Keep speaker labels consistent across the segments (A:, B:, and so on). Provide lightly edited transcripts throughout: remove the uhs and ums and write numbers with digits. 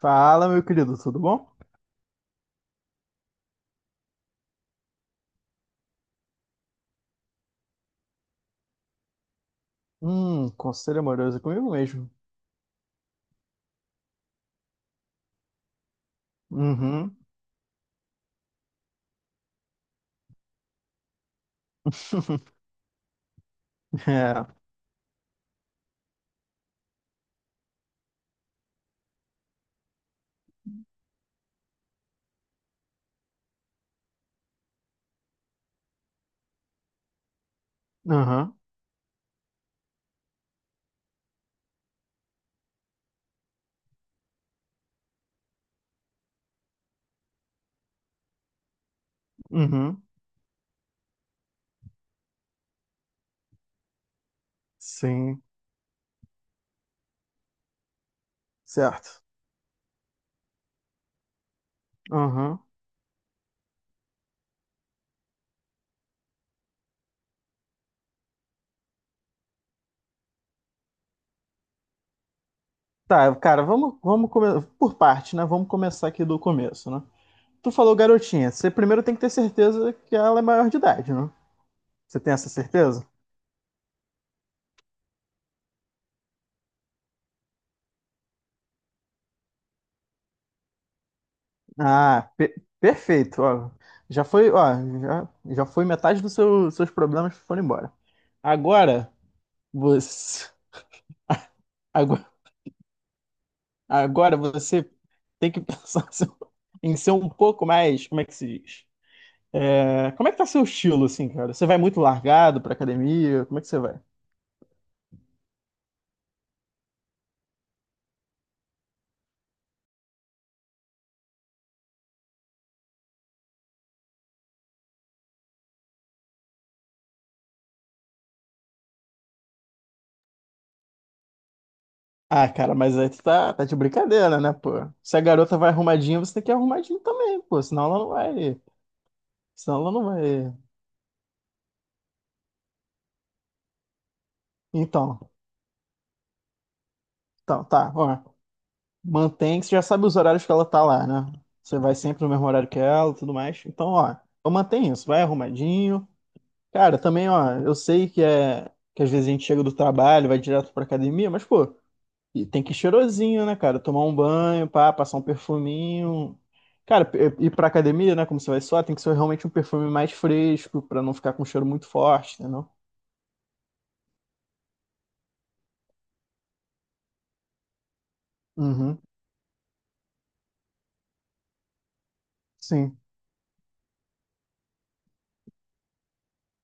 A: Fala, meu querido, tudo bom? Conselho amoroso é comigo mesmo. Uhum. É. Uhum. Uhum. Sim. Certo. Uhum. Tá, cara, vamos come... por parte, né? Vamos começar aqui do começo, né? Tu falou garotinha. Você primeiro tem que ter certeza que ela é maior de idade, né? Você tem essa certeza? Ah, perfeito. Ó, já foi, ó, já, já foi metade dos seus problemas foram embora. Agora, você. Agora você tem que pensar em ser um pouco mais, como é que se diz? É, como é que tá seu estilo, assim, cara? Você vai muito largado pra academia? Como é que você vai? Ah, cara, mas aí tu tá de brincadeira, né, pô? Se a garota vai arrumadinha, você tem que ir arrumadinho também, pô. Senão ela não vai. Senão ela não vai. Então, então, tá, ó. Mantém que você já sabe os horários que ela tá lá, né? Você vai sempre no mesmo horário que ela e tudo mais. Então, ó, então mantém isso. Vai arrumadinho. Cara, também, ó, eu sei que é que às vezes a gente chega do trabalho, vai direto pra academia, mas, pô, e tem que ir cheirosinho, né, cara? Tomar um banho, pá, passar um perfuminho. Cara, ir pra academia, né, como você vai suar, tem que ser realmente um perfume mais fresco, pra não ficar com um cheiro muito forte, entendeu? Uhum, sim.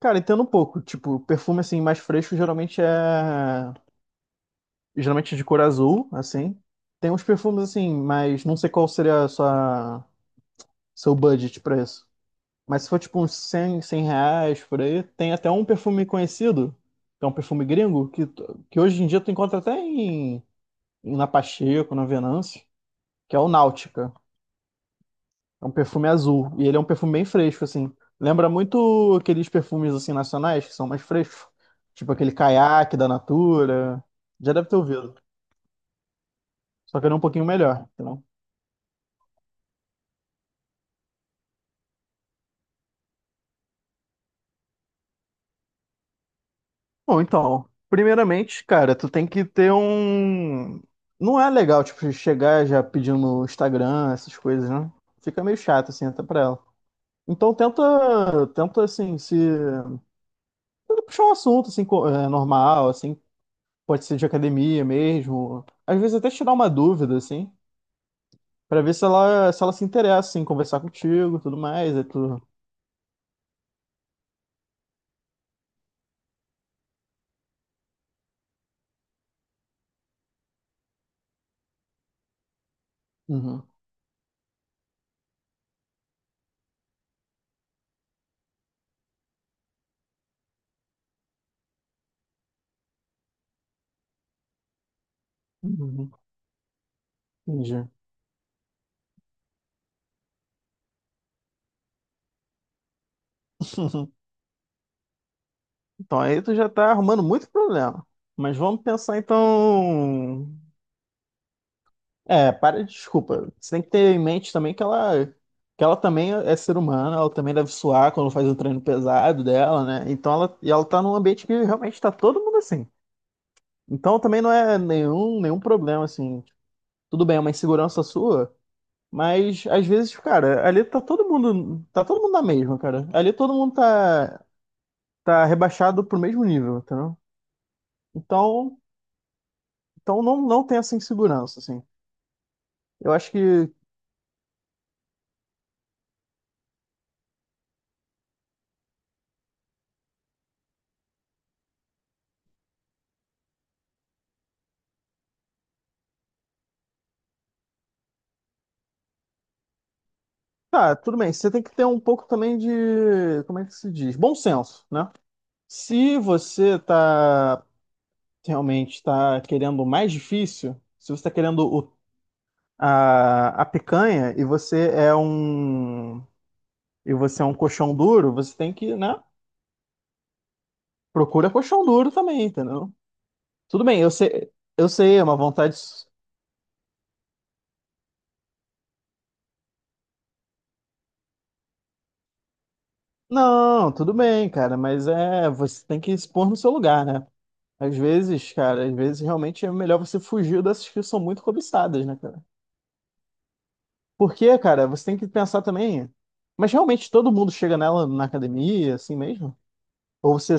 A: Cara, entendo um pouco. Tipo, perfume assim mais fresco geralmente é de cor azul, assim. Tem uns perfumes assim, mas não sei qual seria a sua seu budget pra isso. Mas se for tipo uns 100 R$ 100 por aí, tem até um perfume conhecido, que é um perfume gringo, que, que hoje em dia tu encontra até em, na Pacheco, na Venâncio, que é o Náutica. É um perfume azul. E ele é um perfume bem fresco, assim. Lembra muito aqueles perfumes assim nacionais, que são mais frescos. Tipo aquele Caiaque da Natura. Já deve ter ouvido. Só que ele é um pouquinho melhor. Bom, então, primeiramente, cara, tu tem que ter um. Não é legal, tipo, chegar já pedindo no Instagram, essas coisas, né? Fica meio chato, assim, até pra ela. Então tenta assim, se. Puxar um assunto, assim, é, normal, assim, pode ser de academia mesmo. Às vezes até tirar uma dúvida, assim, pra ver se ela, se ela se interessa, assim, conversar contigo, tudo mais, aí tu. Uhum. Uhum. Entendi. Então aí tu já tá arrumando muito problema. Mas vamos pensar então. É, para, desculpa. Você tem que ter em mente também que ela também é ser humana, ela também deve suar quando faz o treino pesado dela, né? Então ela, e ela tá num ambiente que realmente tá todo mundo assim. Então também não é nenhum, nenhum problema, assim. Tudo bem, é uma insegurança sua, mas às vezes, cara, ali tá todo mundo na mesma, cara. Ali todo mundo tá, tá rebaixado pro mesmo nível, entendeu? Então, então não, não tem essa insegurança, assim. Eu acho que tá, tudo bem. Você tem que ter um pouco também de, como é que se diz? Bom senso, né? Se você realmente tá querendo o mais difícil, se você tá querendo a picanha e você é um e você é um colchão duro, você tem que, né? Procura colchão duro também, entendeu? Tudo bem, eu sei, é uma vontade. Não, tudo bem, cara, mas é, você tem que se pôr no seu lugar, né? Às vezes, cara, às vezes realmente é melhor você fugir dessas que são muito cobiçadas, né, cara? Porque, cara, você tem que pensar também. Mas realmente todo mundo chega nela na academia, assim mesmo? Ou você.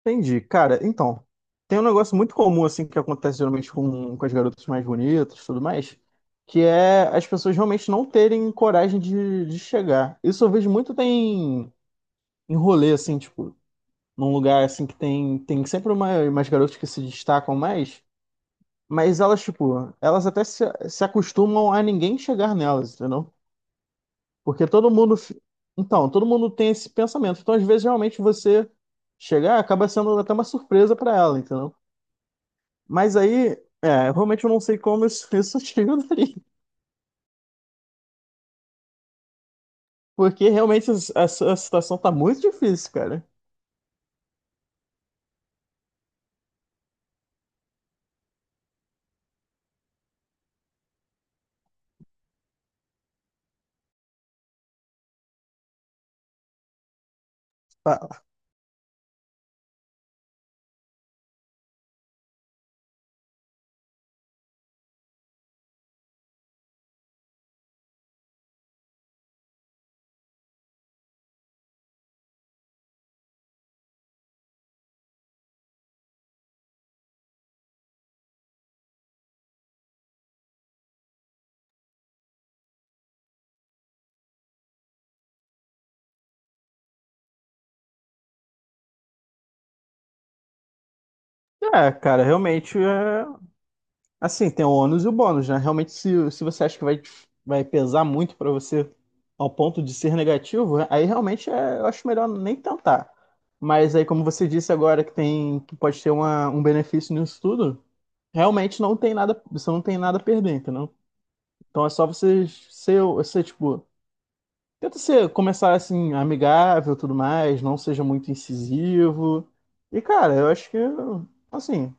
A: Entendi. Cara, então. Tem um negócio muito comum, assim, que acontece geralmente com as garotas mais bonitas e tudo mais, que é as pessoas realmente não terem coragem de chegar. Isso eu vejo muito tem em rolê, assim, tipo, num lugar, assim, que tem, tem sempre uma, umas garotas que se destacam mais. Mas elas, tipo, elas até se, se acostumam a ninguém chegar nelas, entendeu? Porque todo mundo. Então, todo mundo tem esse pensamento. Então, às vezes, realmente, você chegar acaba sendo até uma surpresa pra ela, entendeu? Mas aí, é, realmente eu não sei como isso, isso te ajudaria. Porque realmente a, a situação tá muito difícil, cara. Tá. É, cara, realmente é. Assim, tem o ônus e o bônus, né? Realmente, se você acha que vai, vai pesar muito pra você ao ponto de ser negativo, aí realmente eu acho melhor nem tentar. Mas aí, como você disse agora que tem que pode ter uma, um benefício nisso tudo, realmente não tem nada, você não tem nada a perder, entendeu? Então é só você ser, ser tipo, tenta ser, começar assim, amigável, e tudo mais, não seja muito incisivo. E cara, eu acho que assim,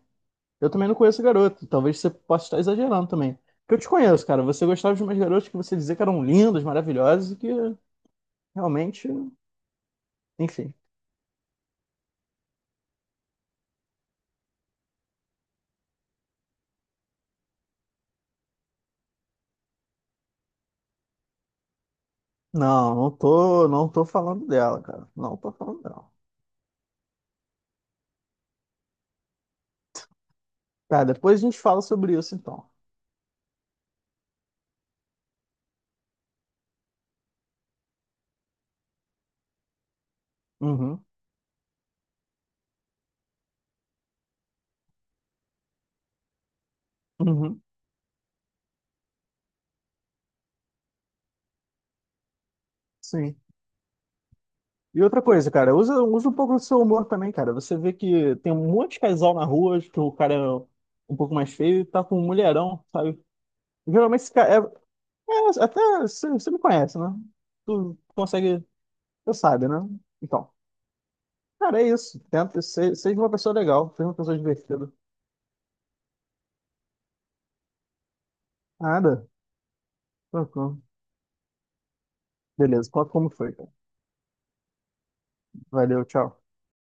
A: eu também não conheço garoto. Talvez você possa estar exagerando também. Porque eu te conheço, cara. Você gostava de umas garotas que você dizia que eram lindas, maravilhosas e que realmente, enfim. Não, não tô falando dela, cara. Não tô falando dela. Tá, depois a gente fala sobre isso então. Uhum, uhum, sim. E outra coisa, cara, usa um pouco do seu humor também, cara. Você vê que tem um monte de casal na rua, que o cara é um pouco mais feio e tá com um mulherão, sabe? Geralmente esse cara é, até você me conhece, né? Tu consegue você sabe, né? Então, cara, é isso. Tenta, seja uma pessoa legal, seja uma pessoa divertida. Nada. Tranquilo. Beleza, conta como foi, cara. Valeu, tchau.